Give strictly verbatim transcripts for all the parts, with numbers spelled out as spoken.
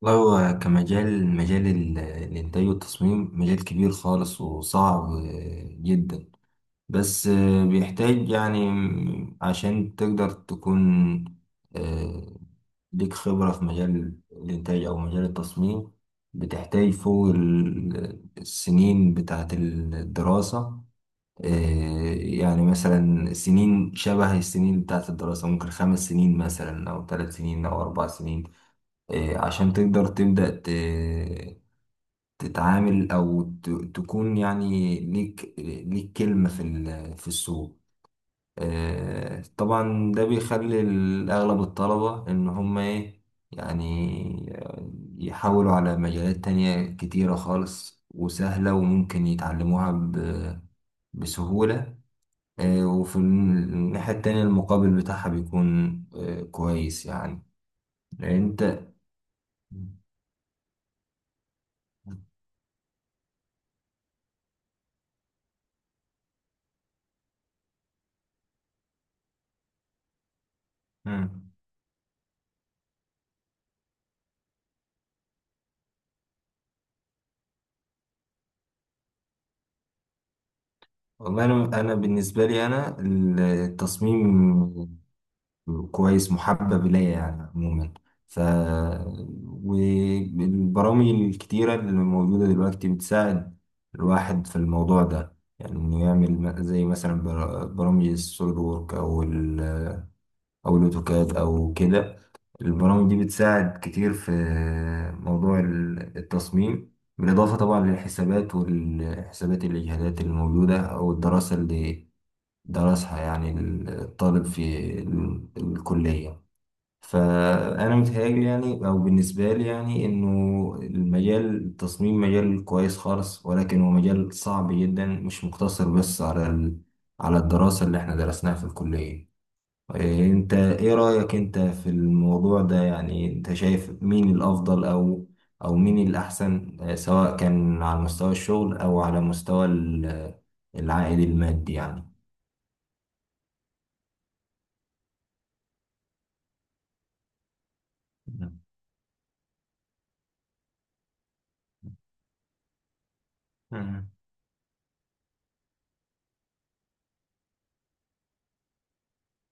والله هو كمجال مجال ال- الإنتاج والتصميم مجال كبير خالص وصعب جدا. بس بيحتاج يعني عشان تقدر تكون آه، ليك خبرة في مجال الإنتاج أو مجال التصميم، بتحتاج فوق ال- السنين بتاعة الدراسة. آه، يعني مثلا سنين شبه السنين بتاعة الدراسة، ممكن خمس سنين مثلا أو ثلاث سنين أو أربع سنين. إيه، عشان تقدر تبدأ ت- تتعامل أو ت- تكون يعني ليك ليك كلمة في ال- في السوق. آه، طبعا ده بيخلي ال- أغلب الطلبة إن هم إيه، يعني يحاولوا على مجالات تانية كتيرة خالص وسهلة وممكن يتعلموها ب- بسهولة. آه، وفي الناحية التانية المقابل بتاعها بيكون آه، كويس يعني. أنت. مم. والله انا انا بالنسبه لي انا، التصميم كويس محبب الي يعني عموما. ف والبرامج الكتيره اللي موجوده دلوقتي بتساعد الواحد في الموضوع ده، يعني انه يعمل م- زي مثلا بر- برامج السوليد وورك او ال او الاوتوكاد او كده. البرامج دي بتساعد كتير في موضوع ال- التصميم، بالاضافه طبعا للحسابات والحسابات الاجهادات الموجوده او الدراسه اللي درسها يعني الطالب في ال- الكلية. فأنا متهيألي يعني، أو بالنسبة لي يعني، إنه المجال التصميم مجال كويس خالص، ولكن هو مجال صعب جدا، مش مقتصر بس على ال... على الدراسة اللي إحنا درسناها في الكلية. إيه، أنت إيه رأيك أنت في الموضوع ده؟ يعني أنت شايف مين الأفضل، أو أو مين الأحسن، آه، سواء كان على مستوى الشغل أو على مستوى ال- العائد المادي يعني؟ مم.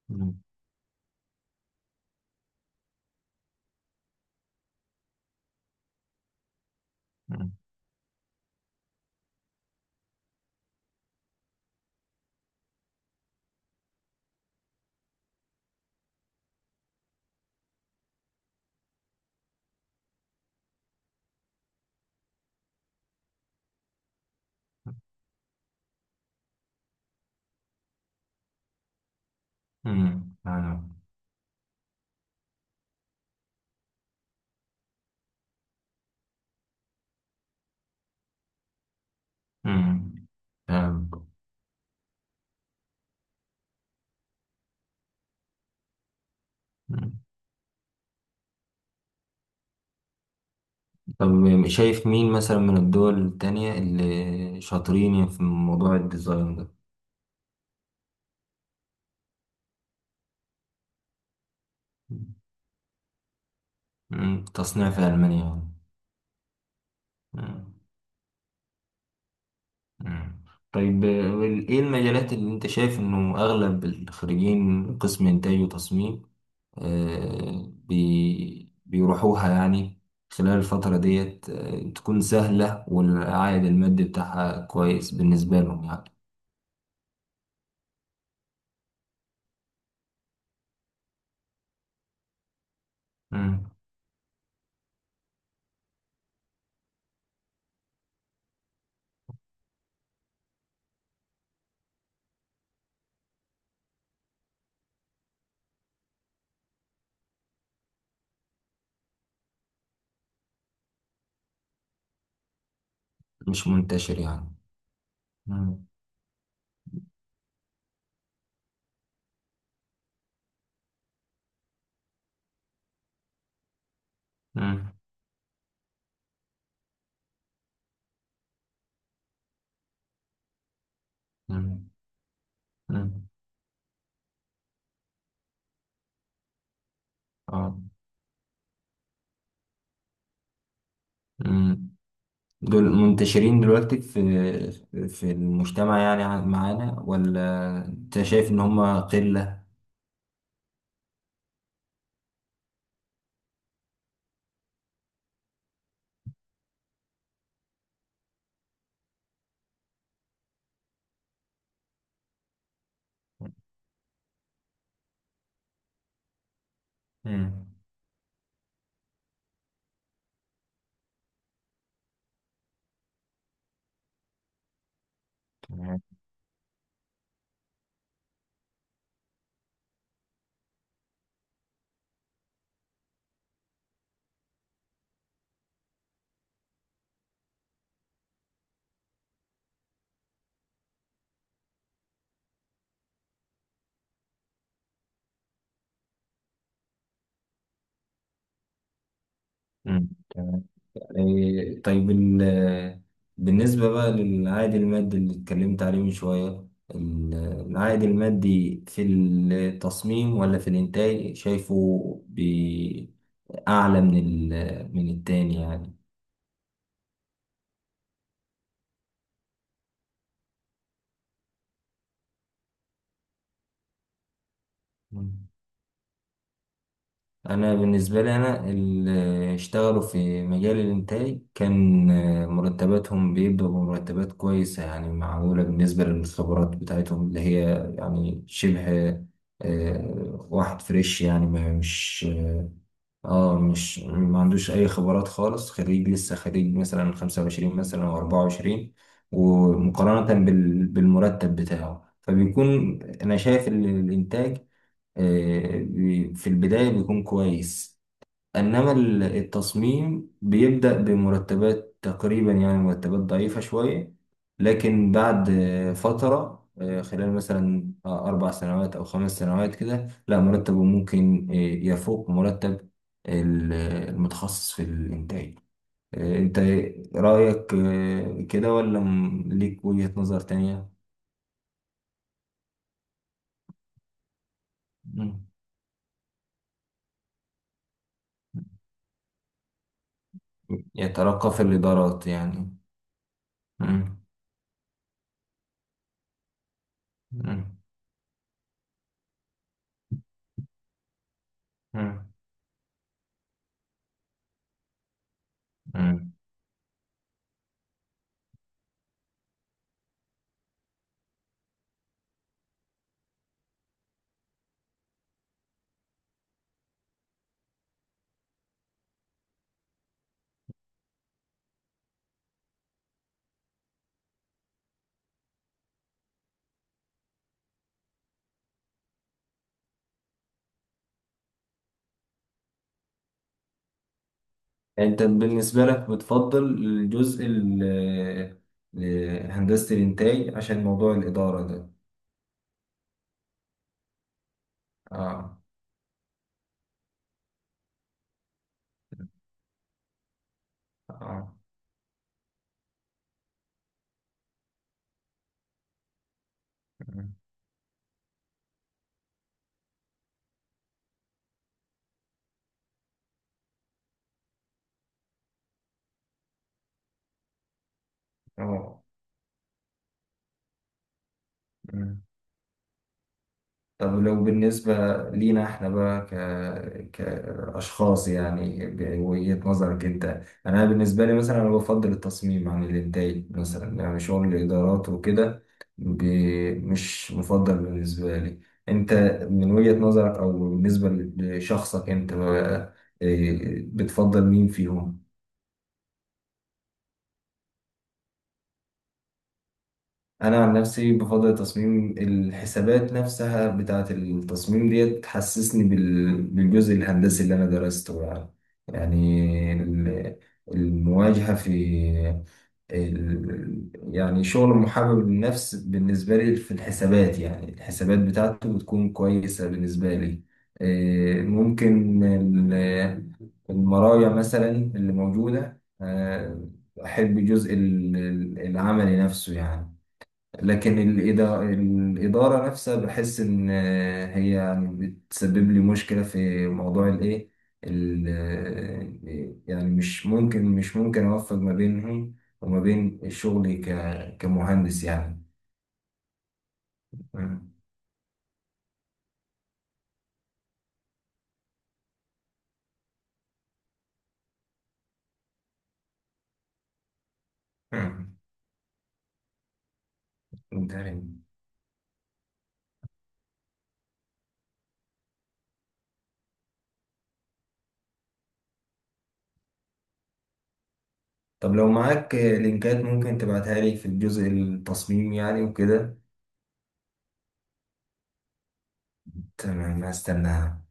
مم. مم. مم. فاهم. مم. فاهم. مم. طب شايف مين مثلا من الدول التانية اللي شاطرين في موضوع الديزاين ده؟ مم. تصنيع في ألمانيا يعني. مم. مم. طيب، آه، وال- ايه المجالات اللي انت شايف انه اغلب الخريجين قسم انتاج وتصميم آه بي بيروحوها يعني، خلال الفترة ديت، آه، تكون سهلة والعائد المادي بتاعها كويس بالنسبة لهم يعني؟ مم. مش منتشر يعني. مم. مم. مم. مم. اه. مم. دول منتشرين دلوقتي في في المجتمع يعني، ع- معانا، ولا انت شايف ان هم قلة؟ مم. تمام. مم. تمام. إيه، طيب ال- بالنسبة بقى للعائد المادي اللي اتكلمت عليه من شوية، ال- العائد المادي في التصميم ولا في الإنتاج، شايفه اعلى من ال- من التاني يعني؟ مم. انا بالنسبه لي، انا اللي اشتغلوا في مجال الانتاج كان آه، مرتباتهم بيبدأوا بمرتبات كويسه، يعني معقوله بالنسبه للخبرات بتاعتهم اللي هي يعني شبه آه، واحد فريش يعني، ما مش اه مش ما عندوش اي خبرات خالص، خريج لسه، خريج مثلا خمسة وعشرين مثلا او أربعة وعشرين. ومقارنه بال- بالمرتب بتاعه فبيكون انا شايف ال- الانتاج آه، بي- في البداية بيكون كويس. إنما ال- التصميم بيبدأ بمرتبات تقريبا، يعني مرتبات ضعيفة شوية، لكن بعد آه، فترة، آه، خلال مثلا آه، أربع سنوات أو خمس سنوات كده، لا مرتبه ممكن آه، يفوق مرتب ال- المتخصص في الإنتاج. آه، أنت رأيك آه، كده، ولا م- ليك وجهة نظر تانية؟ مم. يترقى في الإدارات يعني. مم. مم. مم. مم. يعني انت بالنسبة لك بتفضل الجزء ال- ال- هندسة الإنتاج عشان موضوع الإدارة ده؟ اه. اه. مم. اه. مم. طب لو بالنسبة لينا احنا بقى، ك... كأشخاص يعني، بوجهة نظرك انت. انا بالنسبة لي مثلا، انا بفضل التصميم عن الانتاج مثلا، يعني شغل الادارات وكده ب... مش مفضل بالنسبة لي. انت من وجهة نظرك، او بالنسبة لشخصك انت بقى، إيه، بتفضل مين فيهم؟ انا عن نفسي بفضل تصميم، الحسابات نفسها بتاعه التصميم ديت تحسسني بال- بالجزء الهندسي اللي انا درسته يعني، يعني ال- المواجهه في ال... يعني شغل محبب للنفس بالنسبه لي في الحسابات، يعني الحسابات بتاعته بتكون كويسه بالنسبه لي. إيه، ممكن ال- المراجع مثلا اللي موجوده، آه، احب جزء ال- ال- العملي نفسه يعني. لكن الإدا- الإدارة نفسها بحس إن هي يعني بتسبب لي مشكلة في موضوع الإيه، ال- يعني مش ممكن مش ممكن أوفق ما بينهم وما بين شغلي ك- كمهندس يعني. مم. مم. انتهينا. طب لو معاك لينكات ممكن تبعتها لي في الجزء التصميم يعني وكده. تمام، هستناها.